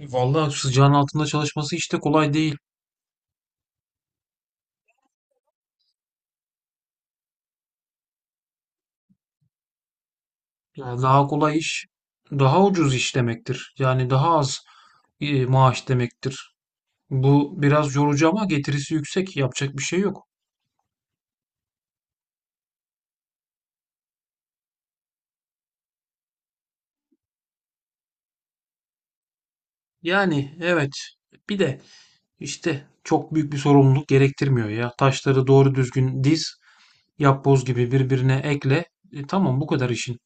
Vallahi sıcağın altında çalışması hiç de kolay değil. Yani daha kolay iş, daha ucuz iş demektir. Yani daha az maaş demektir. Bu biraz yorucu ama getirisi yüksek. Yapacak bir şey yok. Yani evet. Bir de işte çok büyük bir sorumluluk gerektirmiyor ya. Taşları doğru düzgün diz, yapboz gibi birbirine ekle. Tamam bu kadar işin.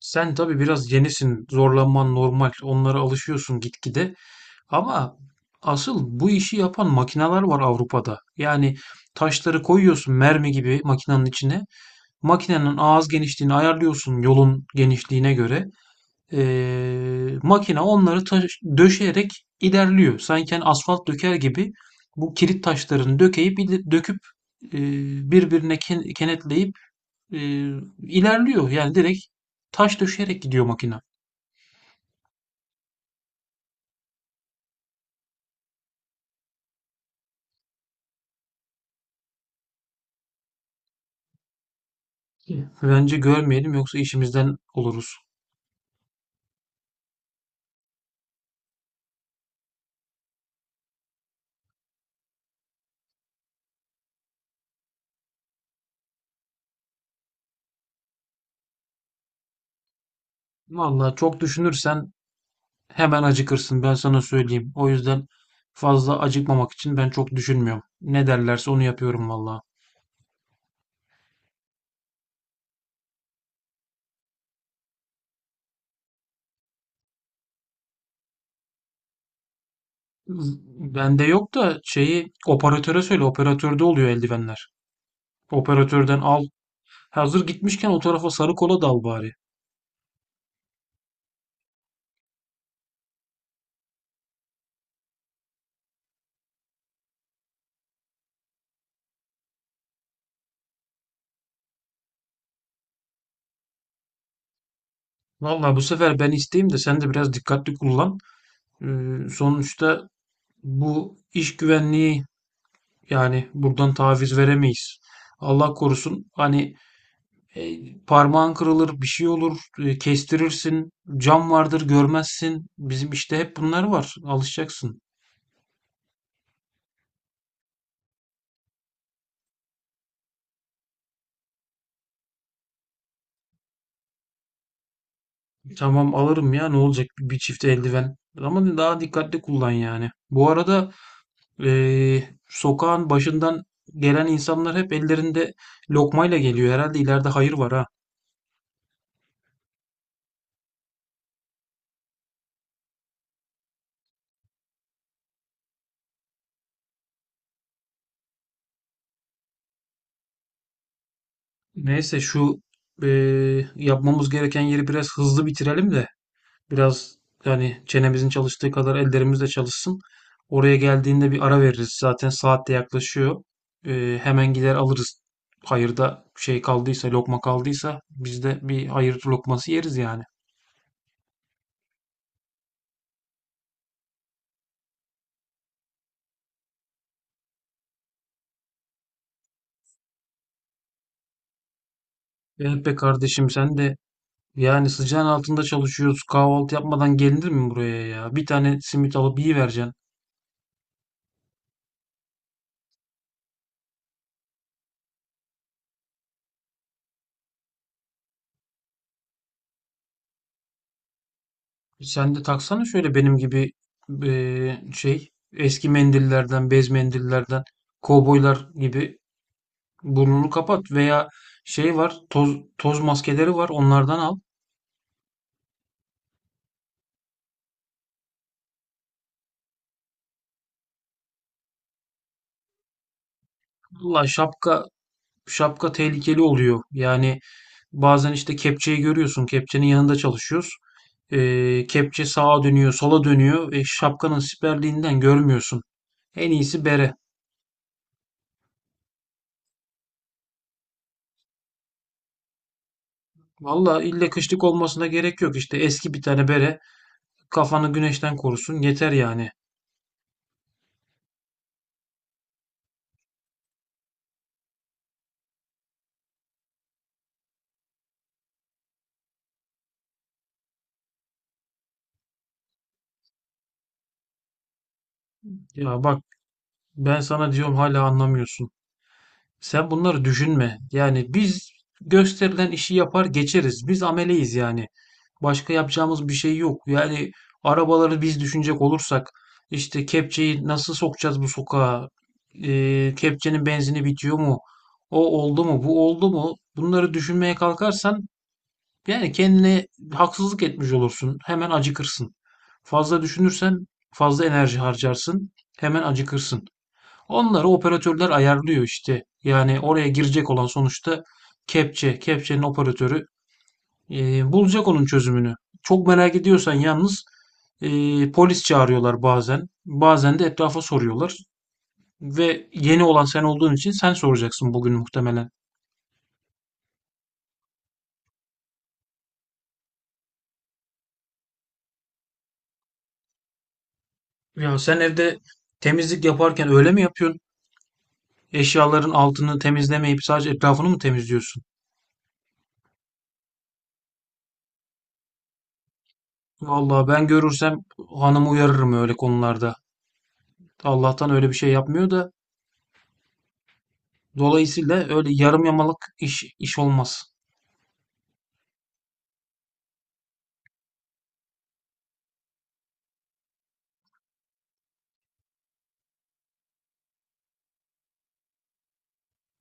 Sen tabii biraz yenisin, zorlanman normal, onlara alışıyorsun gitgide. Ama asıl bu işi yapan makineler var Avrupa'da. Yani taşları koyuyorsun mermi gibi makinenin içine. Makinenin ağız genişliğini ayarlıyorsun yolun genişliğine göre. Makine onları döşeyerek ilerliyor. Sanki hani asfalt döker gibi bu kilit taşlarını döküp e, birbirine kenetleyip e, ilerliyor. Yani direkt taş döşeyerek gidiyor makine. Bence görmeyelim yoksa işimizden oluruz. Vallahi çok düşünürsen hemen acıkırsın ben sana söyleyeyim. O yüzden fazla acıkmamak için ben çok düşünmüyorum. Ne derlerse onu yapıyorum vallahi. Z- Bende yok da şeyi operatöre söyle. Operatörde oluyor eldivenler. Operatörden al. Hazır gitmişken o tarafa sarı kola dal bari. Vallahi bu sefer ben isteyeyim de sen de biraz dikkatli kullan. Sonuçta bu iş güvenliği, yani buradan taviz veremeyiz. Allah korusun hani e, parmağın kırılır, bir şey olur, kestirirsin, cam vardır görmezsin. Bizim işte hep bunlar var. Alışacaksın. Tamam alırım ya, ne olacak bir çift eldiven. Ama daha dikkatli kullan yani. Bu arada sokağın başından gelen insanlar hep ellerinde lokmayla geliyor. Herhalde ileride hayır var ha. Neyse şu yapmamız gereken yeri biraz hızlı bitirelim de. Biraz, yani çenemizin çalıştığı kadar ellerimiz de çalışsın. Oraya geldiğinde bir ara veririz. Zaten saat de yaklaşıyor. Hemen gider alırız. Hayırda şey kaldıysa, lokma kaldıysa biz de bir hayır lokması yeriz yani. Evet be kardeşim, sen de yani sıcağın altında çalışıyoruz. Kahvaltı yapmadan gelinir mi buraya ya? Bir tane simit alıp iyi vereceksin. Sen de taksana şöyle benim gibi şey eski mendillerden, bez mendillerden, kovboylar gibi burnunu kapat, veya şey var toz maskeleri var onlardan al. Valla şapka tehlikeli oluyor. Yani bazen işte kepçeyi görüyorsun. Kepçenin yanında çalışıyoruz. Kepçe sağa dönüyor, sola dönüyor. E, şapkanın siperliğinden görmüyorsun. En iyisi bere. Valla illa kışlık olmasına gerek yok. İşte eski bir tane bere. Kafanı güneşten korusun. Yeter yani. Ya bak, ben sana diyorum hala anlamıyorsun. Sen bunları düşünme. Yani biz gösterilen işi yapar geçeriz. Biz ameleyiz yani. Başka yapacağımız bir şey yok. Yani arabaları biz düşünecek olursak, işte kepçeyi nasıl sokacağız bu sokağa? Kepçenin benzini bitiyor mu? O oldu mu? Bu oldu mu? Bunları düşünmeye kalkarsan, yani kendine haksızlık etmiş olursun. Hemen acıkırsın. Fazla düşünürsen fazla enerji harcarsın. Hemen acıkırsın. Onları operatörler ayarlıyor işte. Yani oraya girecek olan sonuçta kepçe, kepçenin operatörü bulacak onun çözümünü. Çok merak ediyorsan yalnız, e, polis çağırıyorlar bazen. Bazen de etrafa soruyorlar. Ve yeni olan sen olduğun için sen soracaksın bugün muhtemelen. Ya sen evde temizlik yaparken öyle mi yapıyorsun? Eşyaların altını temizlemeyip sadece etrafını mı temizliyorsun? Vallahi ben görürsem hanımı uyarırım öyle konularda. Allah'tan öyle bir şey yapmıyor da, dolayısıyla öyle yarım yamalık iş olmaz.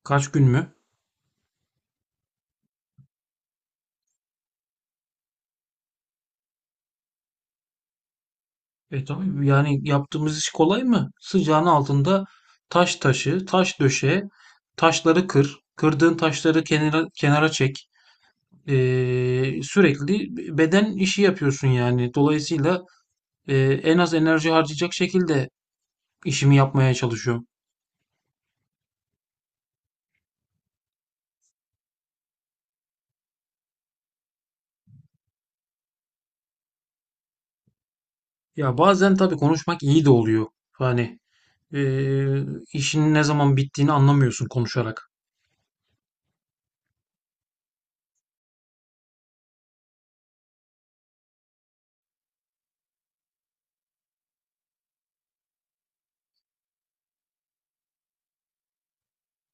Kaç gün mü? E tabii, yani yaptığımız iş kolay mı? Sıcağın altında taş taşı, taş döşe, taşları kır, kırdığın taşları kenara kenara çek. E, sürekli beden işi yapıyorsun yani. Dolayısıyla e, en az enerji harcayacak şekilde işimi yapmaya çalışıyorum. Ya bazen tabii konuşmak iyi de oluyor. Hani eee, işin ne zaman bittiğini anlamıyorsun konuşarak.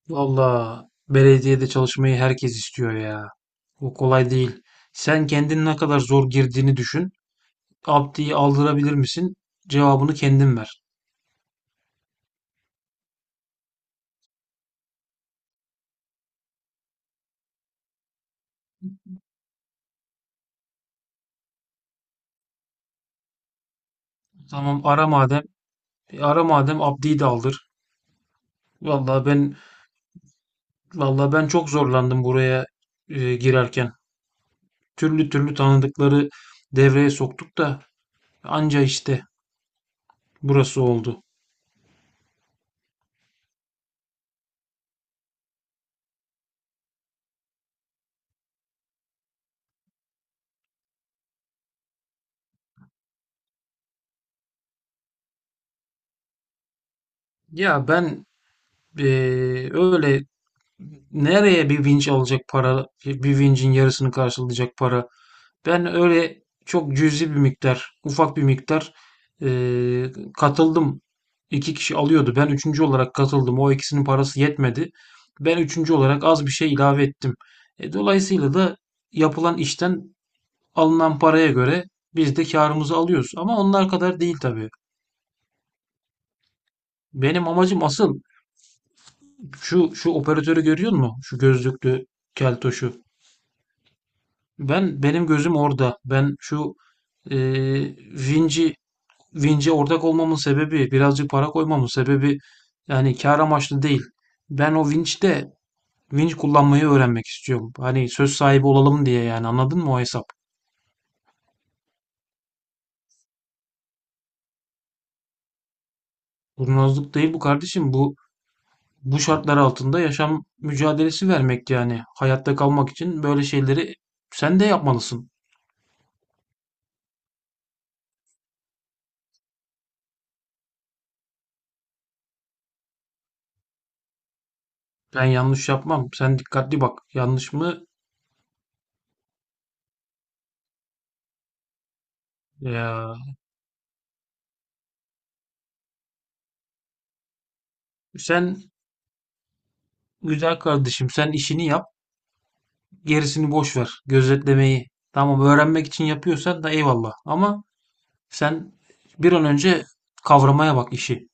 Valla belediyede çalışmayı herkes istiyor ya. O kolay değil. Sen kendin ne kadar zor girdiğini düşün. Abdi'yi aldırabilir misin? Cevabını kendin ver. Tamam ara madem. E, ara madem Abdi'yi de aldır. Valla ben Valla ben çok zorlandım buraya girerken. Türlü türlü tanıdıkları devreye soktuk da anca işte burası oldu. Ya ben öyle nereye bir vinç alacak para, bir vincin yarısını karşılayacak para. Ben öyle çok cüzi bir miktar, ufak bir miktar eee, katıldım. İki kişi alıyordu. Ben üçüncü olarak katıldım. O ikisinin parası yetmedi. Ben üçüncü olarak az bir şey ilave ettim. E, dolayısıyla da yapılan işten alınan paraya göre biz de karımızı alıyoruz. Ama onlar kadar değil tabii. Benim amacım asıl, şu şu operatörü görüyor musun? Şu gözlüklü keltoşu. Benim gözüm orada. Ben şu e, Vinci Vinci ortak olmamın sebebi, birazcık para koymamın sebebi, yani kar amaçlı değil. Ben o Vinci'de kullanmayı öğrenmek istiyorum. Hani söz sahibi olalım diye yani, anladın mı o hesap? Kurnazlık değil bu kardeşim. Bu şartlar altında yaşam mücadelesi vermek yani. Hayatta kalmak için böyle şeyleri sen de yapmalısın. Ben yanlış yapmam. Sen dikkatli bak. Yanlış mı? Ya, sen güzel kardeşim. Sen işini yap. Gerisini boş ver. Gözetlemeyi tamam öğrenmek için yapıyorsan da eyvallah. Ama sen bir an önce kavramaya bak işi.